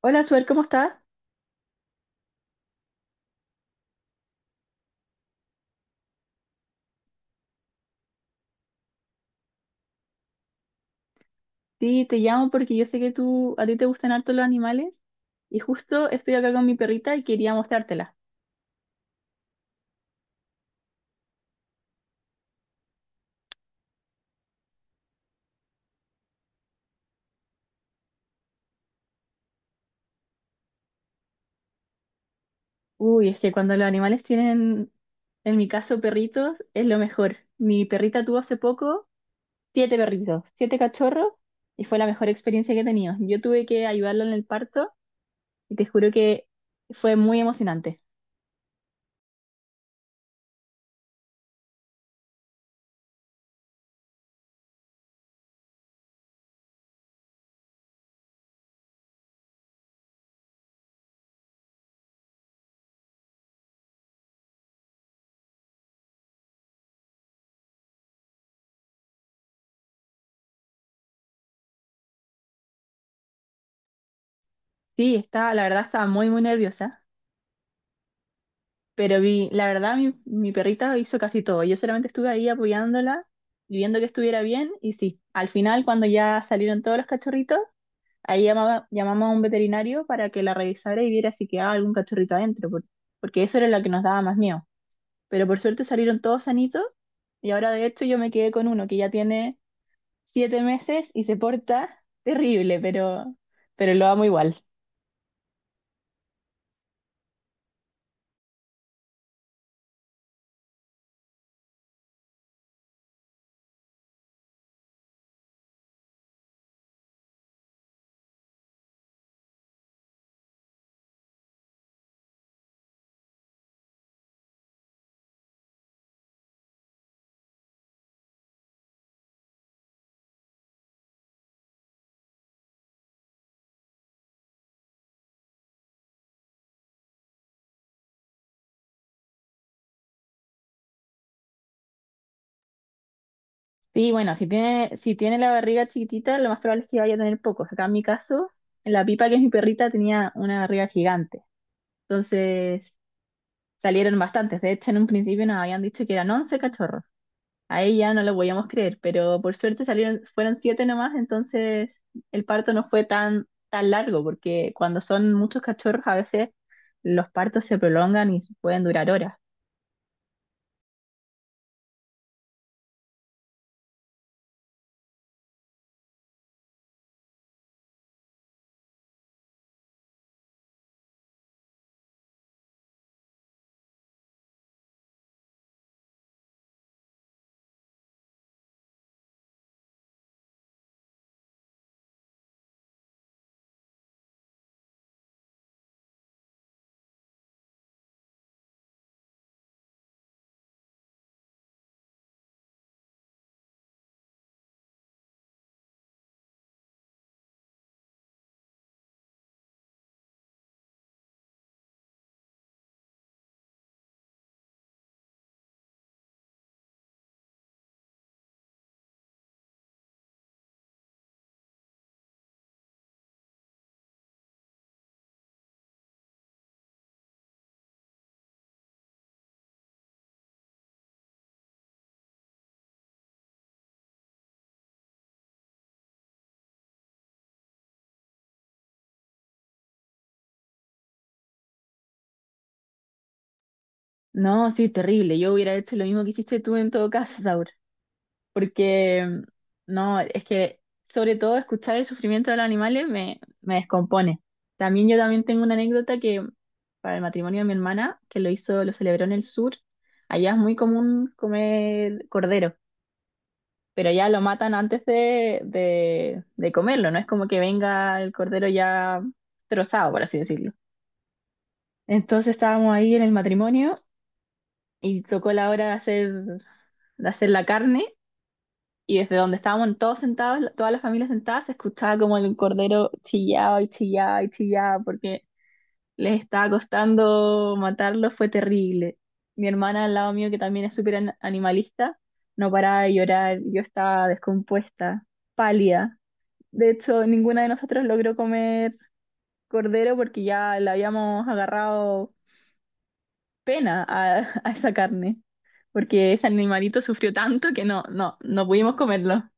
Hola, Suer, ¿cómo estás? Sí, te llamo porque yo sé que tú, a ti te gustan harto los animales y justo estoy acá con mi perrita y quería mostrártela. Uy, es que cuando los animales tienen, en mi caso, perritos, es lo mejor. Mi perrita tuvo hace poco siete perritos, siete cachorros y fue la mejor experiencia que he tenido. Yo tuve que ayudarla en el parto y te juro que fue muy emocionante. Sí, la verdad estaba muy, muy nerviosa. Pero la verdad, mi perrita hizo casi todo. Yo solamente estuve ahí apoyándola, y viendo que estuviera bien, y sí, al final, cuando ya salieron todos los cachorritos, ahí llamamos a un veterinario para que la revisara y viera si quedaba algún cachorrito adentro, porque eso era lo que nos daba más miedo. Pero por suerte salieron todos sanitos, y ahora de hecho yo me quedé con uno que ya tiene 7 meses y se porta terrible, pero lo amo igual. Sí, bueno, si tiene la barriga chiquitita, lo más probable es que vaya a tener pocos. Acá en mi caso, la Pipa, que es mi perrita, tenía una barriga gigante. Entonces salieron bastantes. De hecho, en un principio nos habían dicho que eran 11 cachorros. Ahí ya no lo podíamos creer, pero por suerte salieron, fueron 7 nomás, entonces el parto no fue tan, tan largo, porque cuando son muchos cachorros a veces los partos se prolongan y pueden durar horas. No, sí, terrible. Yo hubiera hecho lo mismo que hiciste tú en todo caso, Saur. Porque no, es que sobre todo escuchar el sufrimiento de los animales me, me descompone. También yo también tengo una anécdota que para el matrimonio de mi hermana, que lo hizo, lo celebró en el sur, allá es muy común comer cordero, pero ya lo matan antes de comerlo, no es como que venga el cordero ya trozado, por así decirlo. Entonces estábamos ahí en el matrimonio y tocó la hora de hacer la carne. Y desde donde estábamos todos sentados, toda la familia sentada, se escuchaba como el cordero chillaba y chillaba y chillaba porque les estaba costando matarlo, fue terrible. Mi hermana al lado mío, que también es súper animalista, no paraba de llorar, yo estaba descompuesta, pálida. De hecho, ninguna de nosotros logró comer cordero porque ya le habíamos agarrado pena a, a esa carne, porque ese animalito sufrió tanto que no, no, no pudimos comerlo.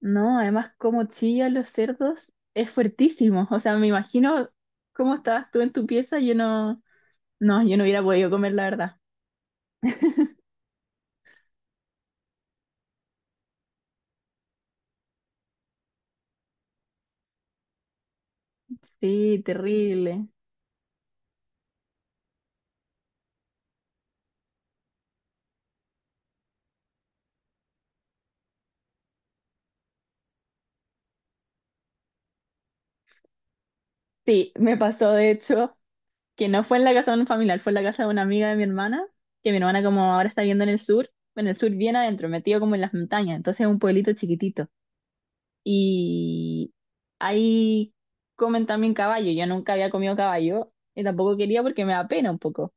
No, además como chillan los cerdos es fuertísimo. O sea, me imagino cómo estabas tú en tu pieza, yo no hubiera podido comer, la verdad. Sí, terrible. Sí, me pasó de hecho que no fue en la casa de un familiar, fue en la casa de una amiga de mi hermana, que mi hermana como ahora está viviendo en el sur bien adentro, metido como en las montañas, entonces es un pueblito chiquitito. Y ahí comen también caballo, yo nunca había comido caballo y tampoco quería porque me da pena un poco.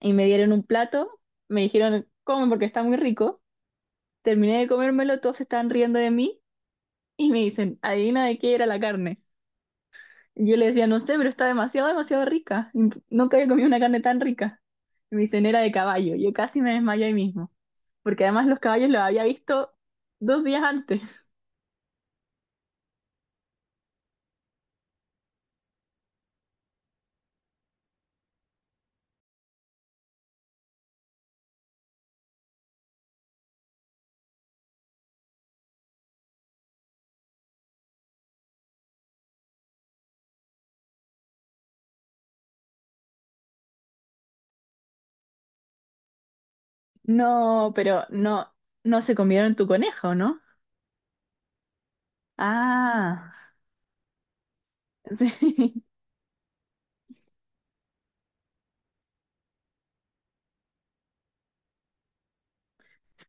Y me dieron un plato, me dijeron, come porque está muy rico. Terminé de comérmelo, todos se estaban riendo de mí y me dicen, adivina de qué era la carne. Yo les decía, no sé, pero está demasiado, demasiado rica. Nunca había comido una carne tan rica. Y me dicen, era de caballo. Yo casi me desmayé ahí mismo, porque además los caballos los había visto 2 días antes. No, pero no, no se comieron tu conejo, ¿no? Ah, sí.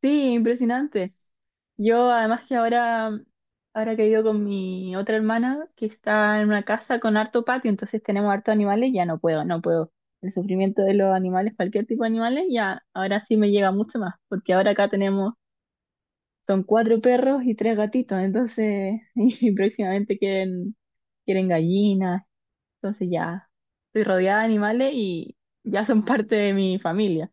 Sí, impresionante. Yo además que ahora, ahora que he ido con mi otra hermana que está en una casa con harto patio, entonces tenemos harto animales, ya no puedo, no puedo. El sufrimiento de los animales, cualquier tipo de animales, ya ahora sí me llega mucho más, porque ahora acá tenemos, son cuatro perros y tres gatitos, entonces, y próximamente quieren gallinas, entonces ya estoy rodeada de animales y ya son parte de mi familia.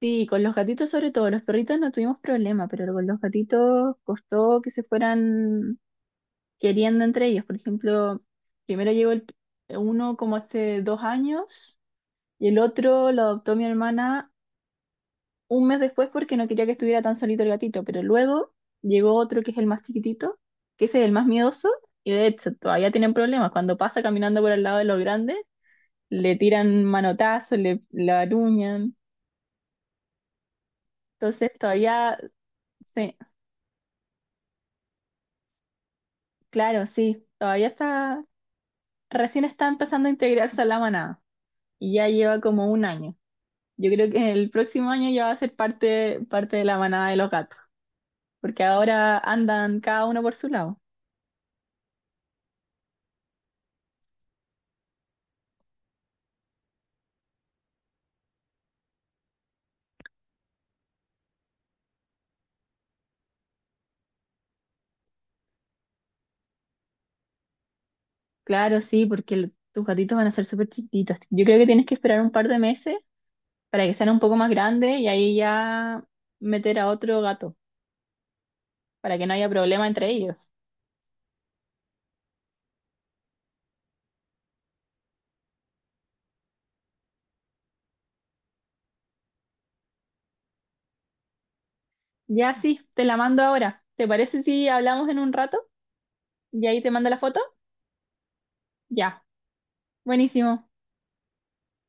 Sí, con los gatitos sobre todo, los perritos no tuvimos problema, pero con los gatitos costó que se fueran queriendo entre ellos. Por ejemplo, primero llegó el, uno como hace 2 años y el otro lo adoptó mi hermana un mes después porque no quería que estuviera tan solito el gatito, pero luego llegó otro que es el más chiquitito, que ese es el más miedoso y de hecho todavía tienen problemas. Cuando pasa caminando por al lado de los grandes, le tiran manotazos, le aruñan. Entonces todavía... Sí, claro, sí, recién está empezando a integrarse a la manada y ya lleva como un año. Yo creo que el próximo año ya va a ser parte de la manada de los gatos, porque ahora andan cada uno por su lado. Claro, sí, porque tus gatitos van a ser súper chiquitos. Yo creo que tienes que esperar un par de meses para que sean un poco más grandes y ahí ya meter a otro gato, para que no haya problema entre ellos. Ya sí, te la mando ahora. ¿Te parece si hablamos en un rato? Y ahí te mando la foto. Ya, buenísimo.